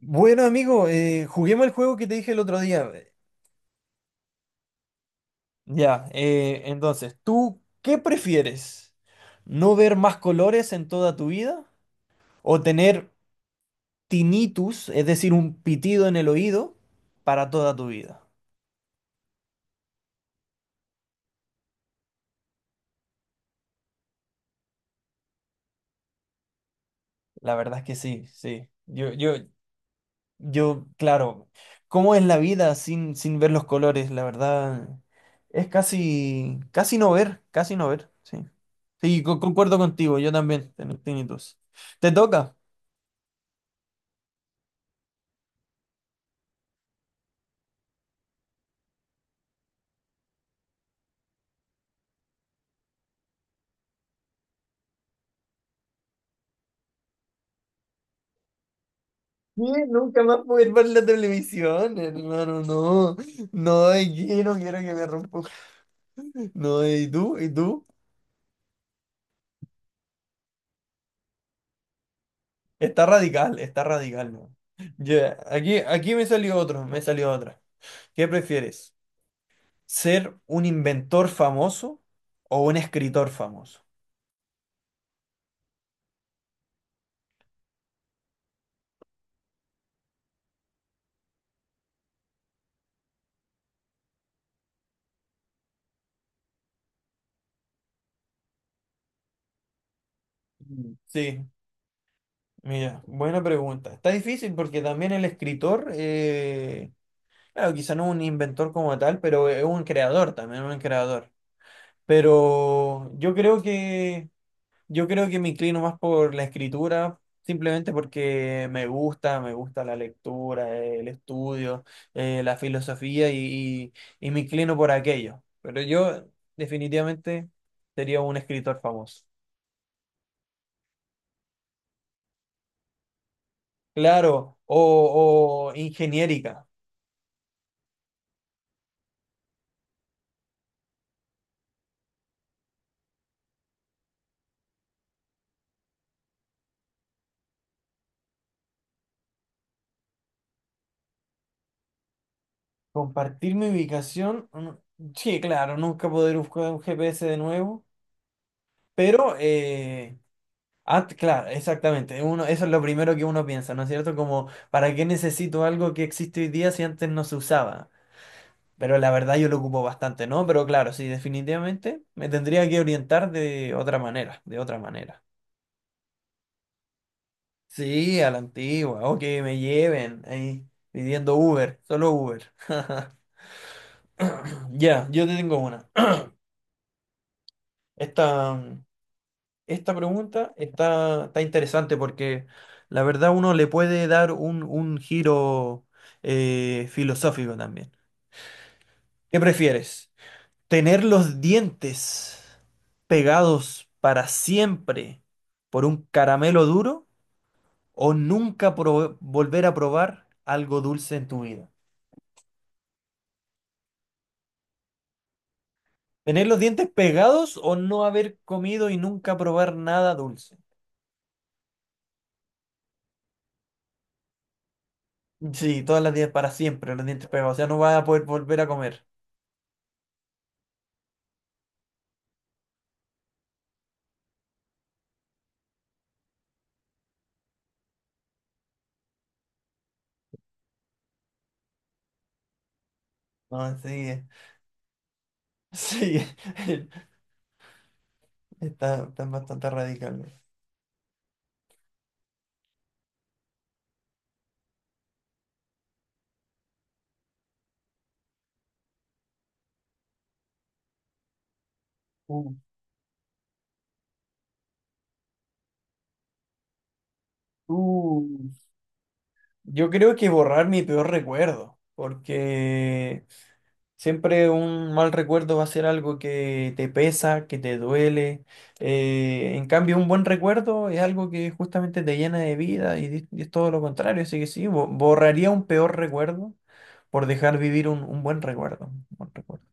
Bueno, amigo, juguemos el juego que te dije el otro día. Ya, entonces, ¿tú qué prefieres? ¿No ver más colores en toda tu vida? ¿O tener tinnitus, es decir, un pitido en el oído, para toda tu vida? La verdad es que sí, sí. Yo, claro, ¿cómo es la vida sin ver los colores? La verdad, es casi, casi no ver, sí. Sí, concuerdo contigo, yo también tengo tinnitus. ¿Te toca? ¿Qué? Nunca más poder ver la televisión, hermano, no. No, y que no quiero que me rompa. No, y tú, y tú. Está radical, ¿no? Ya, Aquí, aquí me salió otro, me salió otra. ¿Qué prefieres? ¿Ser un inventor famoso o un escritor famoso? Mm. Sí, mira, buena pregunta. Está difícil porque también el escritor, claro, quizá no un inventor como tal, pero es un creador también, un creador. Pero yo creo que me inclino más por la escritura, simplemente porque me gusta la lectura, el estudio, la filosofía y me inclino por aquello. Pero yo definitivamente sería un escritor famoso. Claro, o ingeniérica. Compartir mi ubicación. Sí, claro, nunca poder buscar un GPS de nuevo, pero claro, exactamente. Uno, eso es lo primero que uno piensa, ¿no es cierto? Como, ¿para qué necesito algo que existe hoy día si antes no se usaba? Pero la verdad yo lo ocupo bastante, ¿no? Pero claro, sí, definitivamente me tendría que orientar de otra manera, de otra manera. Sí, a la antigua, o que me lleven ahí pidiendo Uber, solo Uber. Ya, yo te tengo una. Esta. Esta pregunta está, está interesante porque la verdad uno le puede dar un giro filosófico también. ¿Qué prefieres? ¿Tener los dientes pegados para siempre por un caramelo duro o nunca volver a probar algo dulce en tu vida? ¿Tener los dientes pegados o no haber comido y nunca probar nada dulce? Sí, todas las días para siempre, los dientes pegados. O sea, no vas a poder volver a comer. No, sí. Sí, están bastante radicales. Uh, uh. Yo creo que borrar mi peor recuerdo, porque siempre un mal recuerdo va a ser algo que te pesa, que te duele. En cambio, un buen recuerdo es algo que justamente te llena de vida y es todo lo contrario. Así que sí, borraría un peor recuerdo por dejar vivir un buen recuerdo. Un buen recuerdo.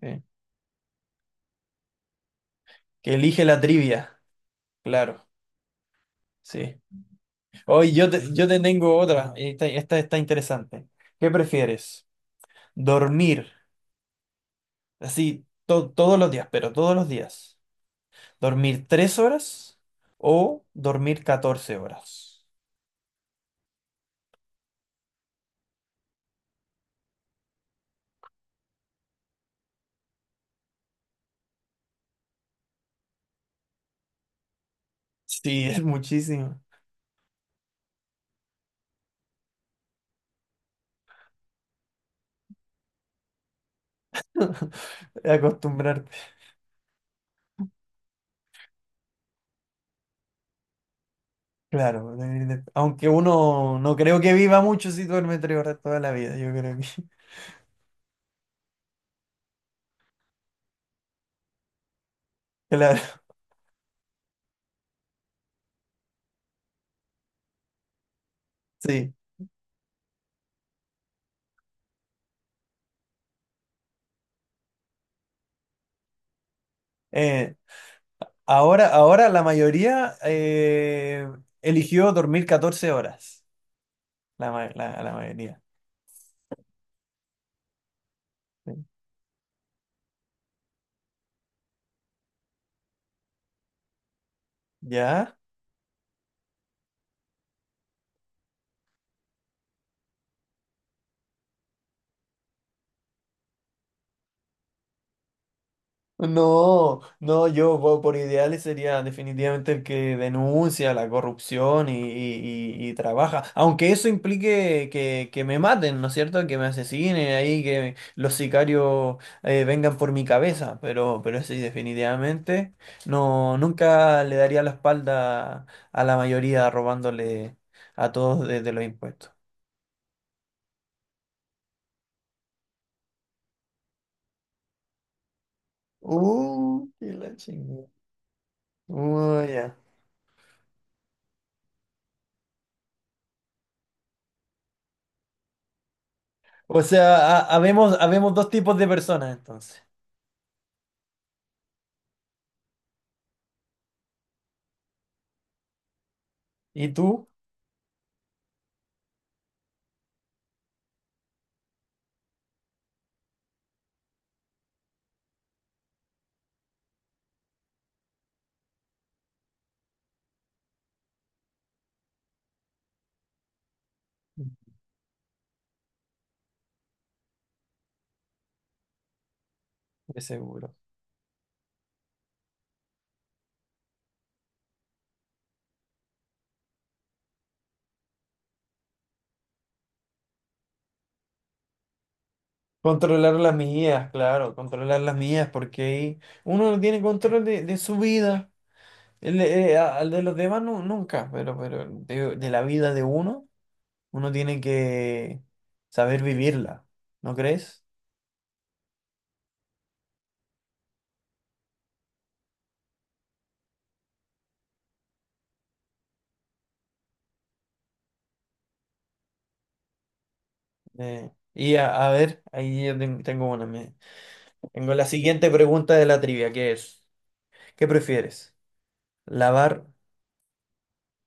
Sí. Que elige la trivia, claro, sí. Hoy yo te tengo otra. Esta está interesante. ¿Qué prefieres? ¿Dormir así todos los días, pero todos los días? ¿Dormir tres horas o dormir 14 horas? Sí, es muchísimo. Acostumbrarte. Claro, aunque uno no creo que viva mucho si duerme tres horas toda la vida, yo creo que. Claro, sí. Eh, ahora la mayoría eligió dormir 14 horas. La mayoría. Sí. ¿Ya? No, no, por ideales sería definitivamente el que denuncia la corrupción y trabaja, aunque eso implique que me maten, ¿no es cierto? Que me asesinen ahí, que los sicarios vengan por mi cabeza, pero sí, definitivamente no, nunca le daría la espalda a la mayoría robándole a todos desde los impuestos. Qué la chingada. Ya. O sea, habemos, habemos dos tipos de personas entonces. ¿Y tú? De seguro. Controlar las mías, claro, controlar las mías, porque ahí uno no tiene control de su vida. Al de los demás no nunca, pero de la vida de uno, uno tiene que saber vivirla, ¿no crees? A ver, ahí yo tengo una. Tengo la siguiente pregunta de la trivia, que es, ¿qué prefieres? ¿Lavar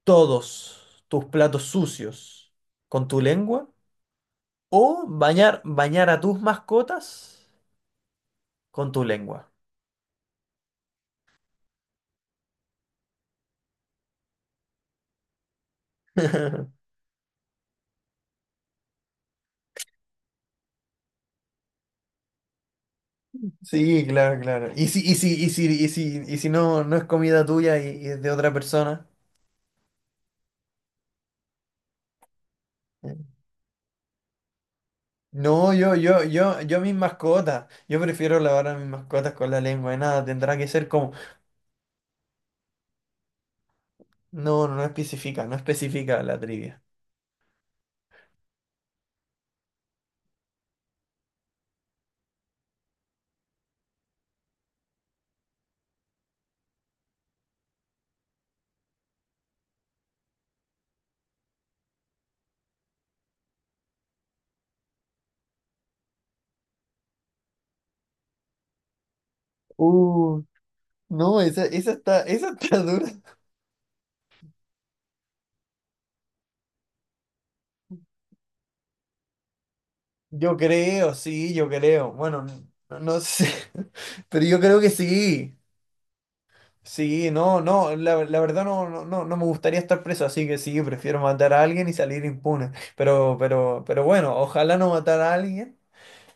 todos tus platos sucios con tu lengua o bañar a tus mascotas con tu lengua? Sí, claro, claro. Y si, y si, y si, y si, y si no, no es comida tuya y es de otra persona. Eh, No, yo mis mascotas. Yo prefiero lavar a mis mascotas con la lengua y nada, tendrá que ser como. No, no especifica, no especifica la trivia. Uh, no, esa está dura. Yo creo, sí, yo creo. Bueno, no, no sé, pero yo creo que sí. Sí, no, no, la verdad no, no, no me gustaría estar preso, así que sí, prefiero matar a alguien y salir impune. Pero bueno, ojalá no matar a alguien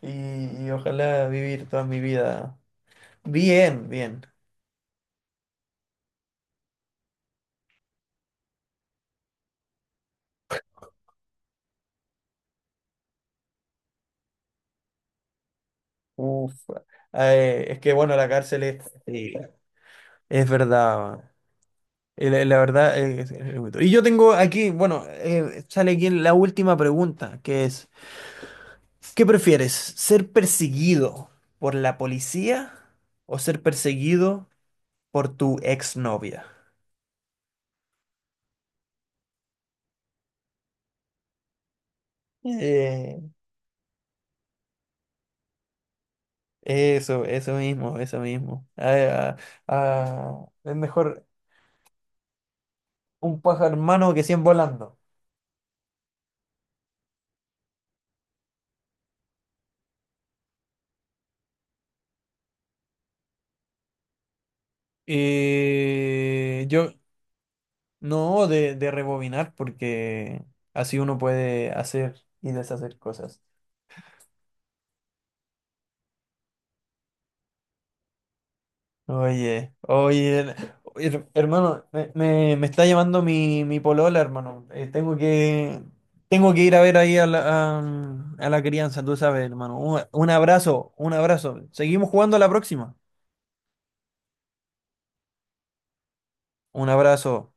y ojalá vivir toda mi vida bien, bien. Uf, es que bueno, la cárcel es, sí, es verdad. La, la verdad, es muy duro. Y yo tengo aquí, bueno, sale aquí la última pregunta, que es... ¿Qué prefieres? ¿Ser perseguido por la policía o ser perseguido por tu exnovia? Eh, Eso, eso mismo, eso mismo. Ah, ah, ah, es mejor un pájaro en mano que 100 volando. Yo no de rebobinar porque así uno puede hacer y deshacer cosas. Oye, oye, hermano, me está llamando mi polola, hermano. Tengo que ir a ver ahí a a, a la crianza, tú sabes, hermano. Un abrazo, un abrazo. Seguimos jugando a la próxima. Un abrazo.